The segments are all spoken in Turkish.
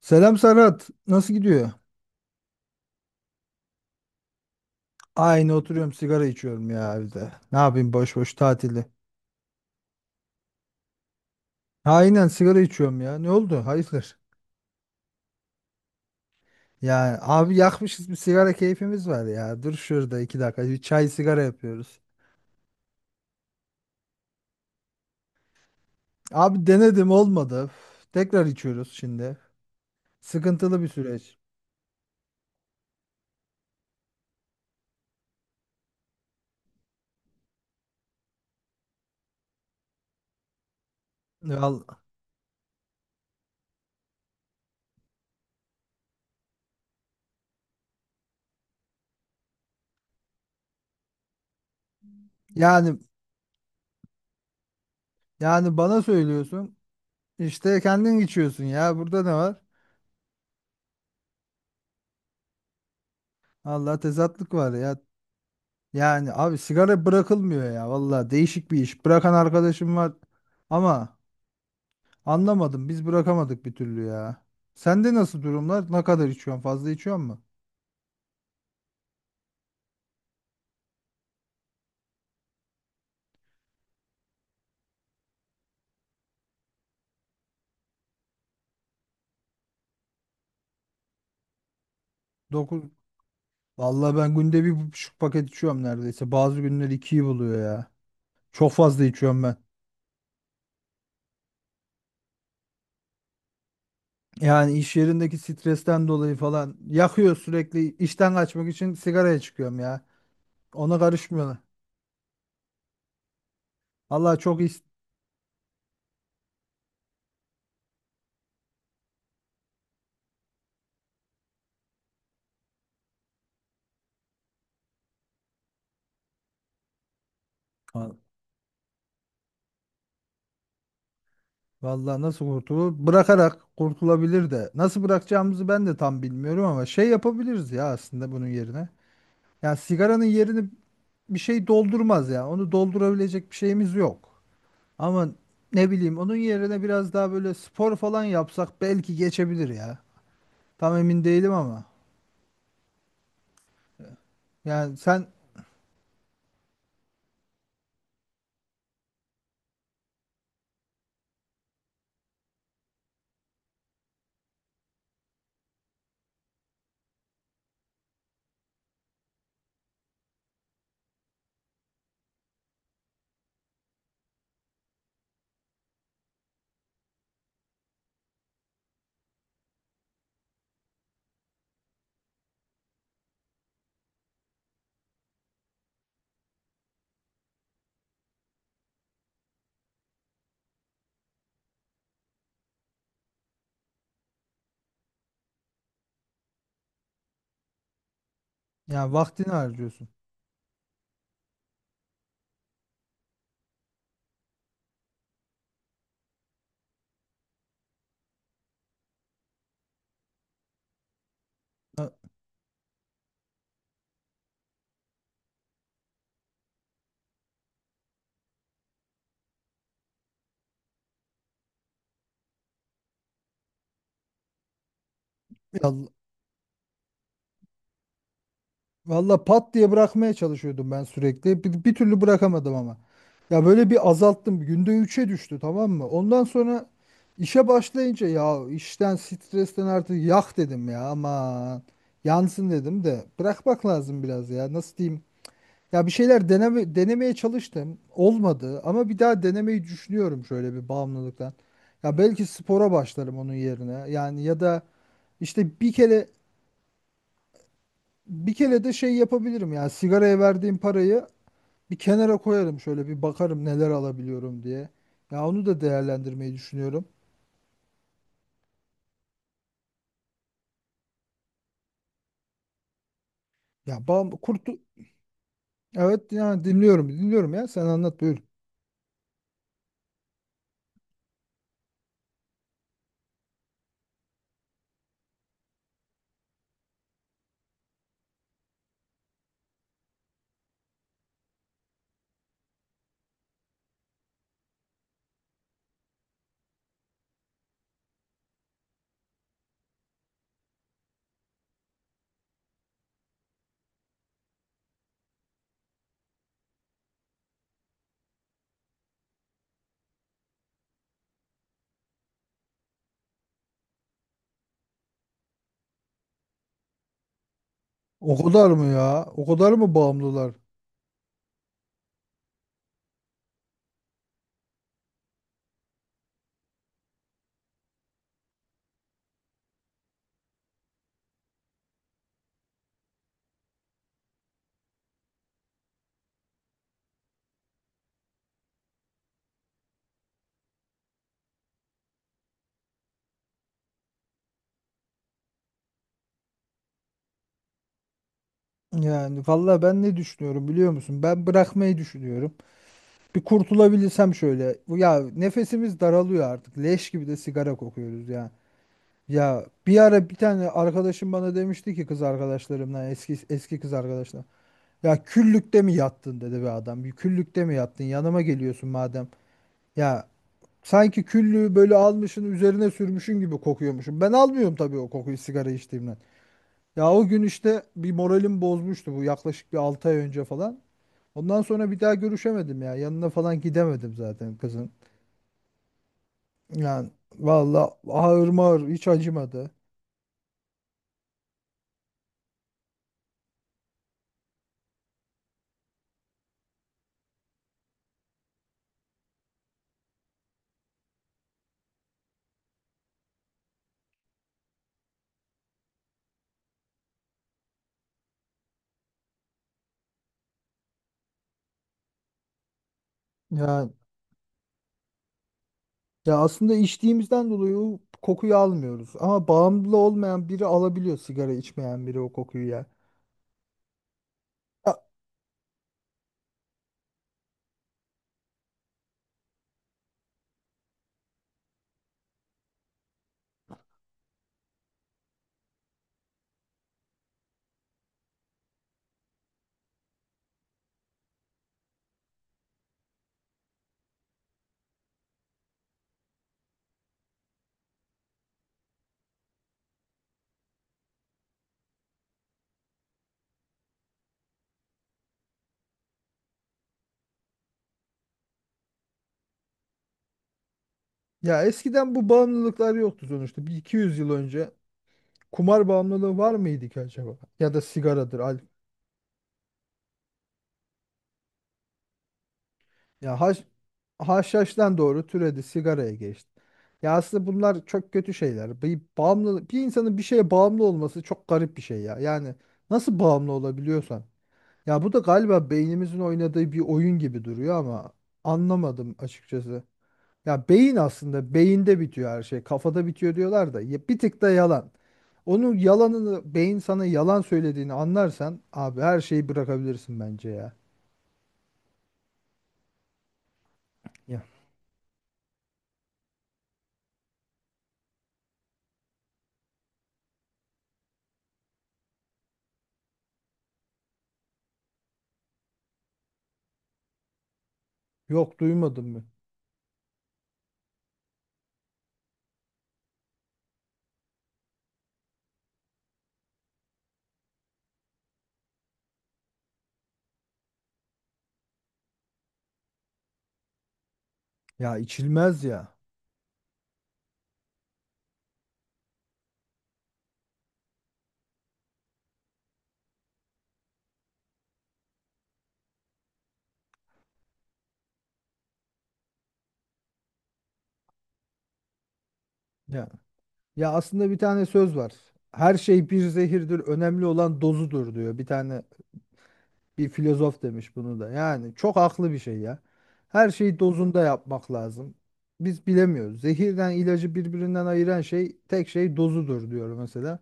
Selam Serhat. Nasıl gidiyor? Aynı oturuyorum, sigara içiyorum ya evde. Ne yapayım, boş boş tatili. Aynen, sigara içiyorum ya. Ne oldu? Hayırdır? Ya abi, yakmışız bir sigara, keyfimiz var ya. Dur şurada 2 dakika bir çay sigara yapıyoruz. Abi denedim, olmadı. Üf, tekrar içiyoruz şimdi. Sıkıntılı bir süreç. Vallahi. Yani yani bana söylüyorsun. İşte kendin içiyorsun ya. Burada ne var? Allah, tezatlık var ya. Yani abi, sigara bırakılmıyor ya, valla değişik bir iş. Bırakan arkadaşım var ama anlamadım, biz bırakamadık bir türlü ya. Sende nasıl durumlar? Ne kadar içiyorsun? Fazla içiyor musun? 9. Valla ben günde 1,5 paket içiyorum neredeyse. Bazı günler ikiyi buluyor ya. Çok fazla içiyorum ben. Yani iş yerindeki stresten dolayı falan yakıyor sürekli. İşten kaçmak için sigaraya çıkıyorum ya. Ona karışmıyorlar. Allah çok iyi. Vallahi nasıl kurtulur? Bırakarak kurtulabilir de. Nasıl bırakacağımızı ben de tam bilmiyorum ama şey yapabiliriz ya aslında bunun yerine. Ya sigaranın yerini bir şey doldurmaz ya. Onu doldurabilecek bir şeyimiz yok. Ama ne bileyim, onun yerine biraz daha böyle spor falan yapsak belki geçebilir ya. Tam emin değilim ama. Yani sen, yani vaktini harcıyorsun. Ya valla, pat diye bırakmaya çalışıyordum ben sürekli. Bir türlü bırakamadım ama. Ya böyle bir azalttım. Günde 3'e düştü, tamam mı? Ondan sonra işe başlayınca ya, işten stresten artık yak dedim ya aman. Yansın dedim de bırakmak lazım biraz ya, nasıl diyeyim. Ya bir şeyler denemeye çalıştım. Olmadı ama bir daha denemeyi düşünüyorum şöyle bir bağımlılıktan. Ya belki spora başlarım onun yerine. Yani ya da işte bir kere de şey yapabilirim ya, sigaraya verdiğim parayı bir kenara koyarım, şöyle bir bakarım neler alabiliyorum diye. Ya onu da değerlendirmeyi düşünüyorum. Ya bağım, kurtu evet, yani dinliyorum dinliyorum ya, sen anlat buyur. O kadar mı ya? O kadar mı bağımlılar? Yani vallahi ben ne düşünüyorum biliyor musun? Ben bırakmayı düşünüyorum. Bir kurtulabilirsem şöyle. Ya nefesimiz daralıyor artık. Leş gibi de sigara kokuyoruz ya. Ya bir ara bir tane arkadaşım bana demişti ki, kız arkadaşlarımdan, eski eski kız arkadaşlar. Ya küllükte mi yattın dedi bir adam. Bir küllükte mi yattın? Yanıma geliyorsun madem. Ya sanki küllüğü böyle almışın üzerine sürmüşün gibi kokuyormuşum. Ben almıyorum tabii o kokuyu, sigara içtiğimden. Ya o gün işte bir moralim bozmuştu, bu yaklaşık bir 6 ay önce falan. Ondan sonra bir daha görüşemedim ya. Yanına falan gidemedim zaten kızın. Yani valla, ağır mağır hiç acımadı. Yani ya, aslında içtiğimizden dolayı o kokuyu almıyoruz. Ama bağımlı olmayan biri alabiliyor, sigara içmeyen biri o kokuyu ya. Ya, ya, eskiden bu bağımlılıklar yoktu sonuçta. Bir 200 yıl önce kumar bağımlılığı var mıydı ki acaba? Ya da sigaradır. Ya haş, haşhaştan doğru türedi, sigaraya geçti. Ya aslında bunlar çok kötü şeyler. Bir bağımlılık, bir insanın bir şeye bağımlı olması çok garip bir şey ya. Yani nasıl bağımlı olabiliyorsan. Ya bu da galiba beynimizin oynadığı bir oyun gibi duruyor ama anlamadım açıkçası. Ya beyin, aslında beyinde bitiyor her şey. Kafada bitiyor diyorlar da ya, bir tık da yalan. Onun yalanını, beyin sana yalan söylediğini anlarsan abi her şeyi bırakabilirsin bence ya. Ya yok, duymadın mı? Ya içilmez ya. Ya ya, aslında bir tane söz var. Her şey bir zehirdir. Önemli olan dozudur diyor bir tane, bir filozof demiş bunu da. Yani çok haklı bir şey ya. Her şeyi dozunda yapmak lazım. Biz bilemiyoruz. Zehirden ilacı birbirinden ayıran şey tek şey dozudur diyor mesela.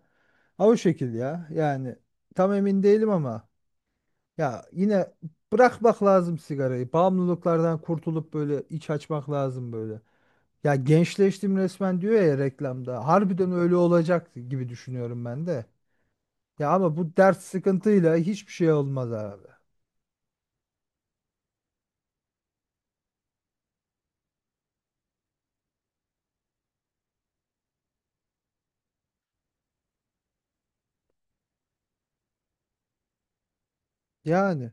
Ha, o şekil ya. Yani tam emin değilim ama ya, yine bırakmak lazım sigarayı. Bağımlılıklardan kurtulup böyle iç açmak lazım böyle. Ya gençleştim resmen diyor ya reklamda. Harbiden öyle olacak gibi düşünüyorum ben de. Ya ama bu dert sıkıntıyla hiçbir şey olmaz abi. Yani.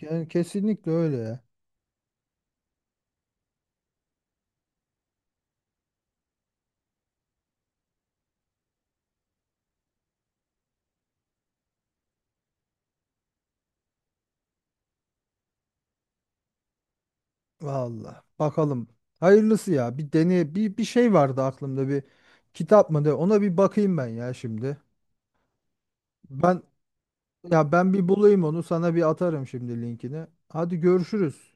Yani kesinlikle öyle ya. Vallahi bakalım. Hayırlısı ya. Bir deney, bir şey vardı aklımda, bir kitap mı de, ona bir bakayım ben ya şimdi. Ben ya ben bir bulayım onu, sana bir atarım şimdi linkini. Hadi görüşürüz.